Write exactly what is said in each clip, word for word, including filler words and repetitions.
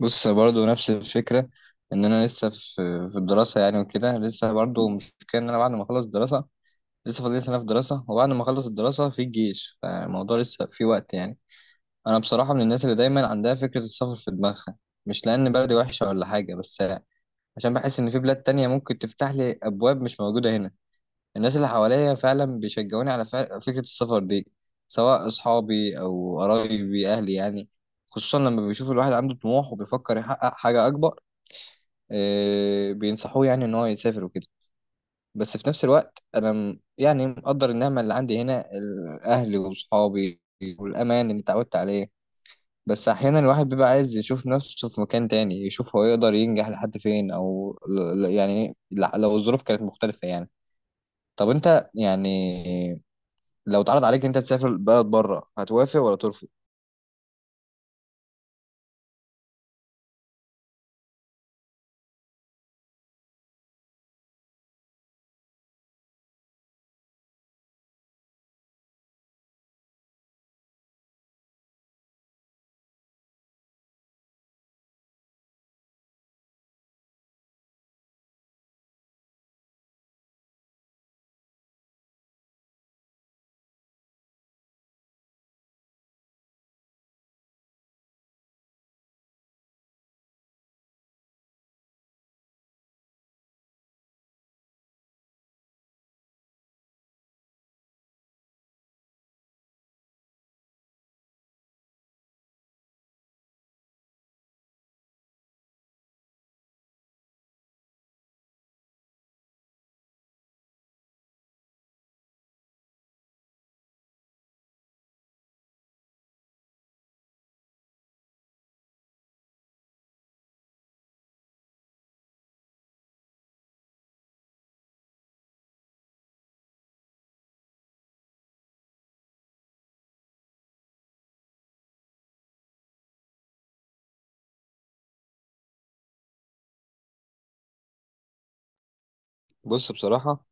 بص، برضو نفس الفكرة، إن أنا لسه في في الدراسة يعني وكده. لسه برضو مش كان إن أنا بعد ما أخلص الدراسة، لسه فاضل لي سنة في الدراسة، وبعد ما أخلص الدراسة في الجيش، فالموضوع لسه في وقت يعني. أنا بصراحة من الناس اللي دايما عندها فكرة السفر في دماغها، مش لأن بلدي وحشة ولا حاجة، بس عشان بحس إن في بلاد تانية ممكن تفتح لي أبواب مش موجودة هنا. الناس اللي حواليا فعلا بيشجعوني على فع- فكرة السفر دي، سواء أصحابي أو قرايبي أهلي يعني، خصوصا لما بيشوفوا الواحد عنده طموح وبيفكر يحقق حاجة أكبر. آه، بينصحوه يعني ان هو يسافر وكده. بس في نفس الوقت انا م- يعني مقدر النعمه اللي عندي هنا، اهلي واصحابي والامان اللي اتعودت عليه. بس احيانا الواحد بيبقى عايز يشوف نفسه في مكان تاني، يشوف هو يقدر ينجح لحد فين، او ل- ل- يعني ل- لو الظروف كانت مختلفه يعني. طب انت يعني، لو اتعرض عليك انت تسافر بلد بره، هتوافق ولا ترفض؟ بص بصراحه،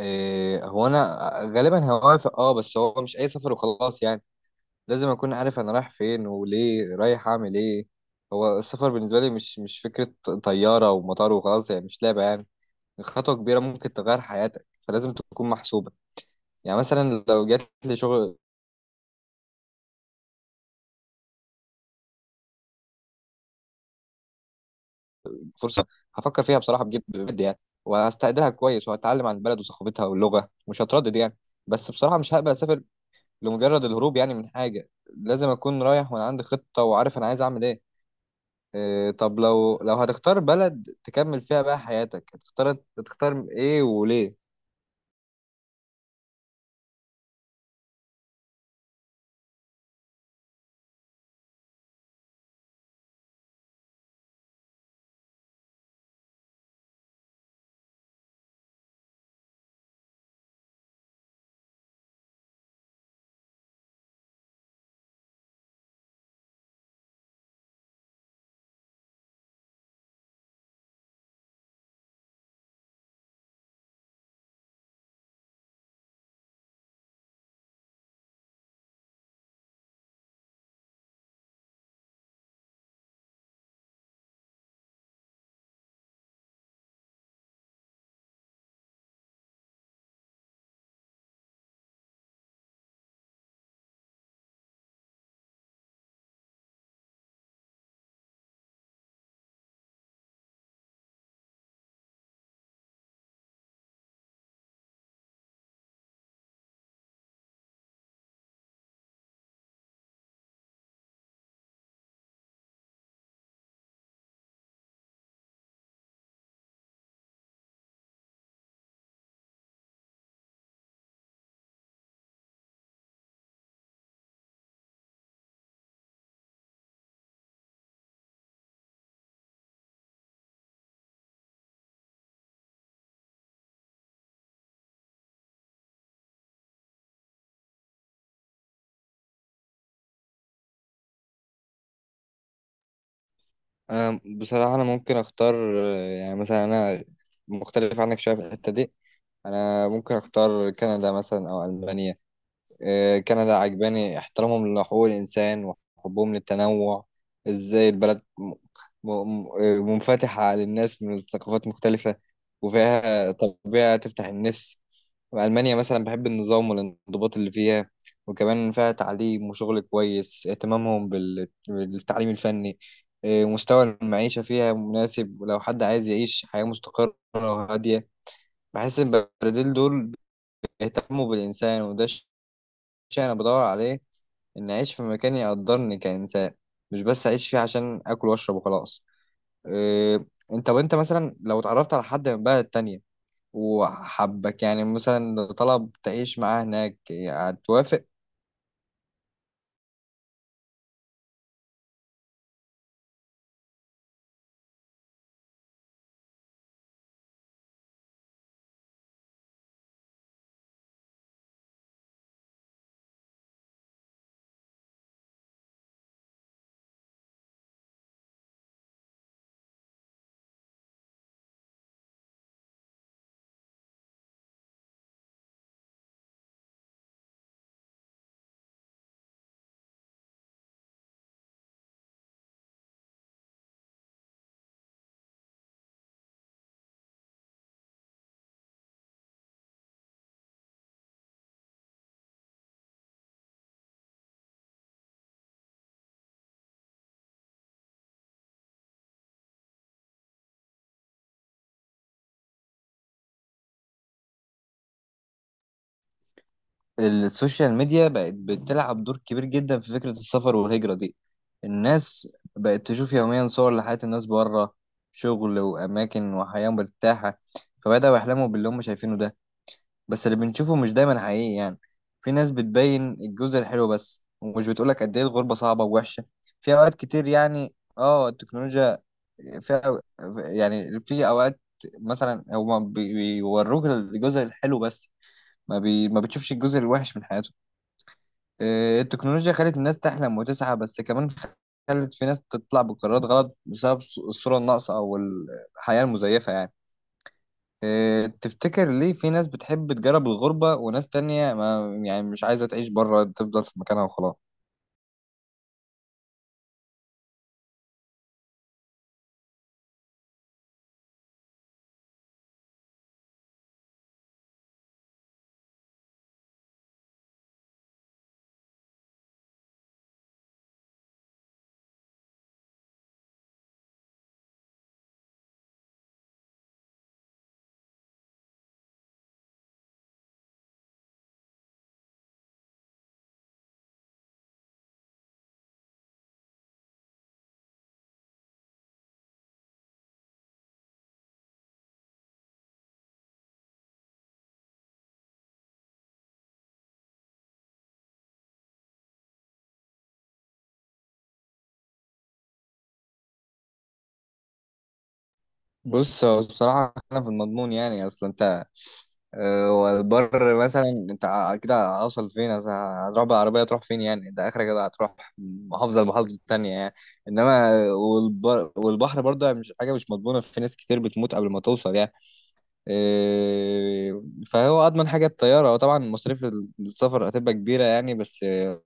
آه، هو انا غالبا هوافق. اه، بس هو مش اي سفر وخلاص يعني، لازم اكون عارف انا رايح فين وليه رايح اعمل ايه. هو السفر بالنسبه لي مش مش فكره طياره ومطار وخلاص يعني، مش لعبه يعني. خطوه كبيره ممكن تغير حياتك، فلازم تكون محسوبه. يعني مثلا لو جات لي شغل، فرصه، هفكر فيها بصراحه بجد بجد يعني، وهستقدرها كويس، وهتعلم عن البلد وثقافتها واللغه، مش هتردد يعني. بس بصراحه مش هقبل اسافر لمجرد الهروب يعني من حاجه، لازم اكون رايح وانا عندي خطه وعارف انا عايز اعمل ايه. إيه، طب لو لو هتختار بلد تكمل فيها بقى حياتك، هتختار هتختار ايه وليه؟ انا بصراحة انا ممكن اختار، آه، يعني مثلا انا مختلف عنك شوية في الحتة دي. انا ممكن اختار كندا مثلا او المانيا. إيه، كندا عجباني احترامهم لحقوق الانسان وحبهم للتنوع، ازاي البلد م- م- م- آه، منفتحة على الناس من ثقافات مختلفة، وفيها طبيعة تفتح النفس. ألمانيا مثلا بحب النظام والانضباط اللي فيها، وكمان فيها تعليم وشغل كويس، اهتمامهم بال- بالتعليم الفني. إيه، مستوى المعيشة فيها مناسب، ولو حد عايز يعيش حياة مستقرة وهادية، بحس إن البرازيل دول بيهتموا بالإنسان، وده الشيء أنا بدور عليه، إن أعيش في مكان يقدرني كإنسان، مش بس أعيش فيه عشان آكل وأشرب وخلاص. إيه، أنت وأنت مثلا لو اتعرفت على حد من بلد تانية وحبك، يعني مثلا لو طلب تعيش معاه هناك، هتوافق؟ السوشيال ميديا بقت بتلعب دور كبير جدا في فكرة السفر والهجرة دي. الناس بقت تشوف يوميا صور لحياة الناس بره، شغل وأماكن وحياة مرتاحة، فبدأوا يحلموا باللي هم شايفينه ده. بس اللي بنشوفه مش دايما حقيقي يعني، في ناس بتبين الجزء الحلو بس، ومش بتقولك قد إيه الغربة صعبة ووحشة في أوقات كتير يعني. اه، التكنولوجيا فيها يعني، في اوقات مثلا هو بي- بيوروك الجزء الحلو بس، ما بي ما بتشوفش الجزء الوحش من حياته. آه، التكنولوجيا خلت الناس تحلم وتسعى، بس كمان خلت في ناس تطلع بقرارات غلط بسبب الص- الصورة الناقصة او الحياة المزيفة يعني. آه، تفتكر ليه في ناس بتحب تجرب الغربة، وناس تانية ما يعني مش عايزة تعيش بره، تفضل في مكانها وخلاص؟ بص، هو الصراحة أنا في المضمون يعني، أصل أنت، أه، والبر مثلا انت ع- كده هوصل فين؟ مثلا هتروح بالعربية تروح فين يعني؟ انت اخرك كده هتروح محافظة لمحافظة التانية يعني. انما والبر والبحر برضه مش حاجة مش مضمونة، في ناس كتير بتموت قبل ما توصل يعني. أه، فهو اضمن حاجة الطيارة، وطبعا مصاريف السفر هتبقى كبيرة يعني، بس أه،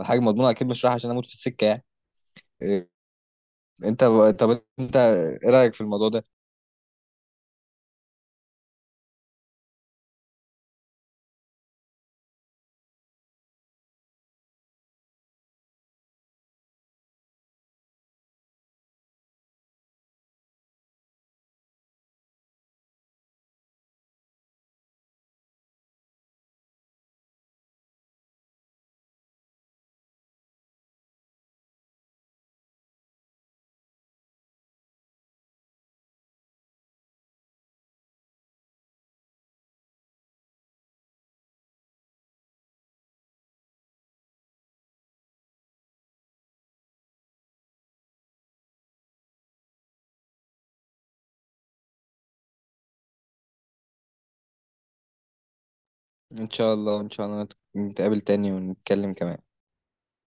حاجة مضمونة، اكيد مش رايح عشان اموت في السكة يعني. أه، انت، طب انت ايه رأيك في الموضوع ده؟ ان شاء الله، ان شا الله نت- نتقابل تاني ونتكلم كمان.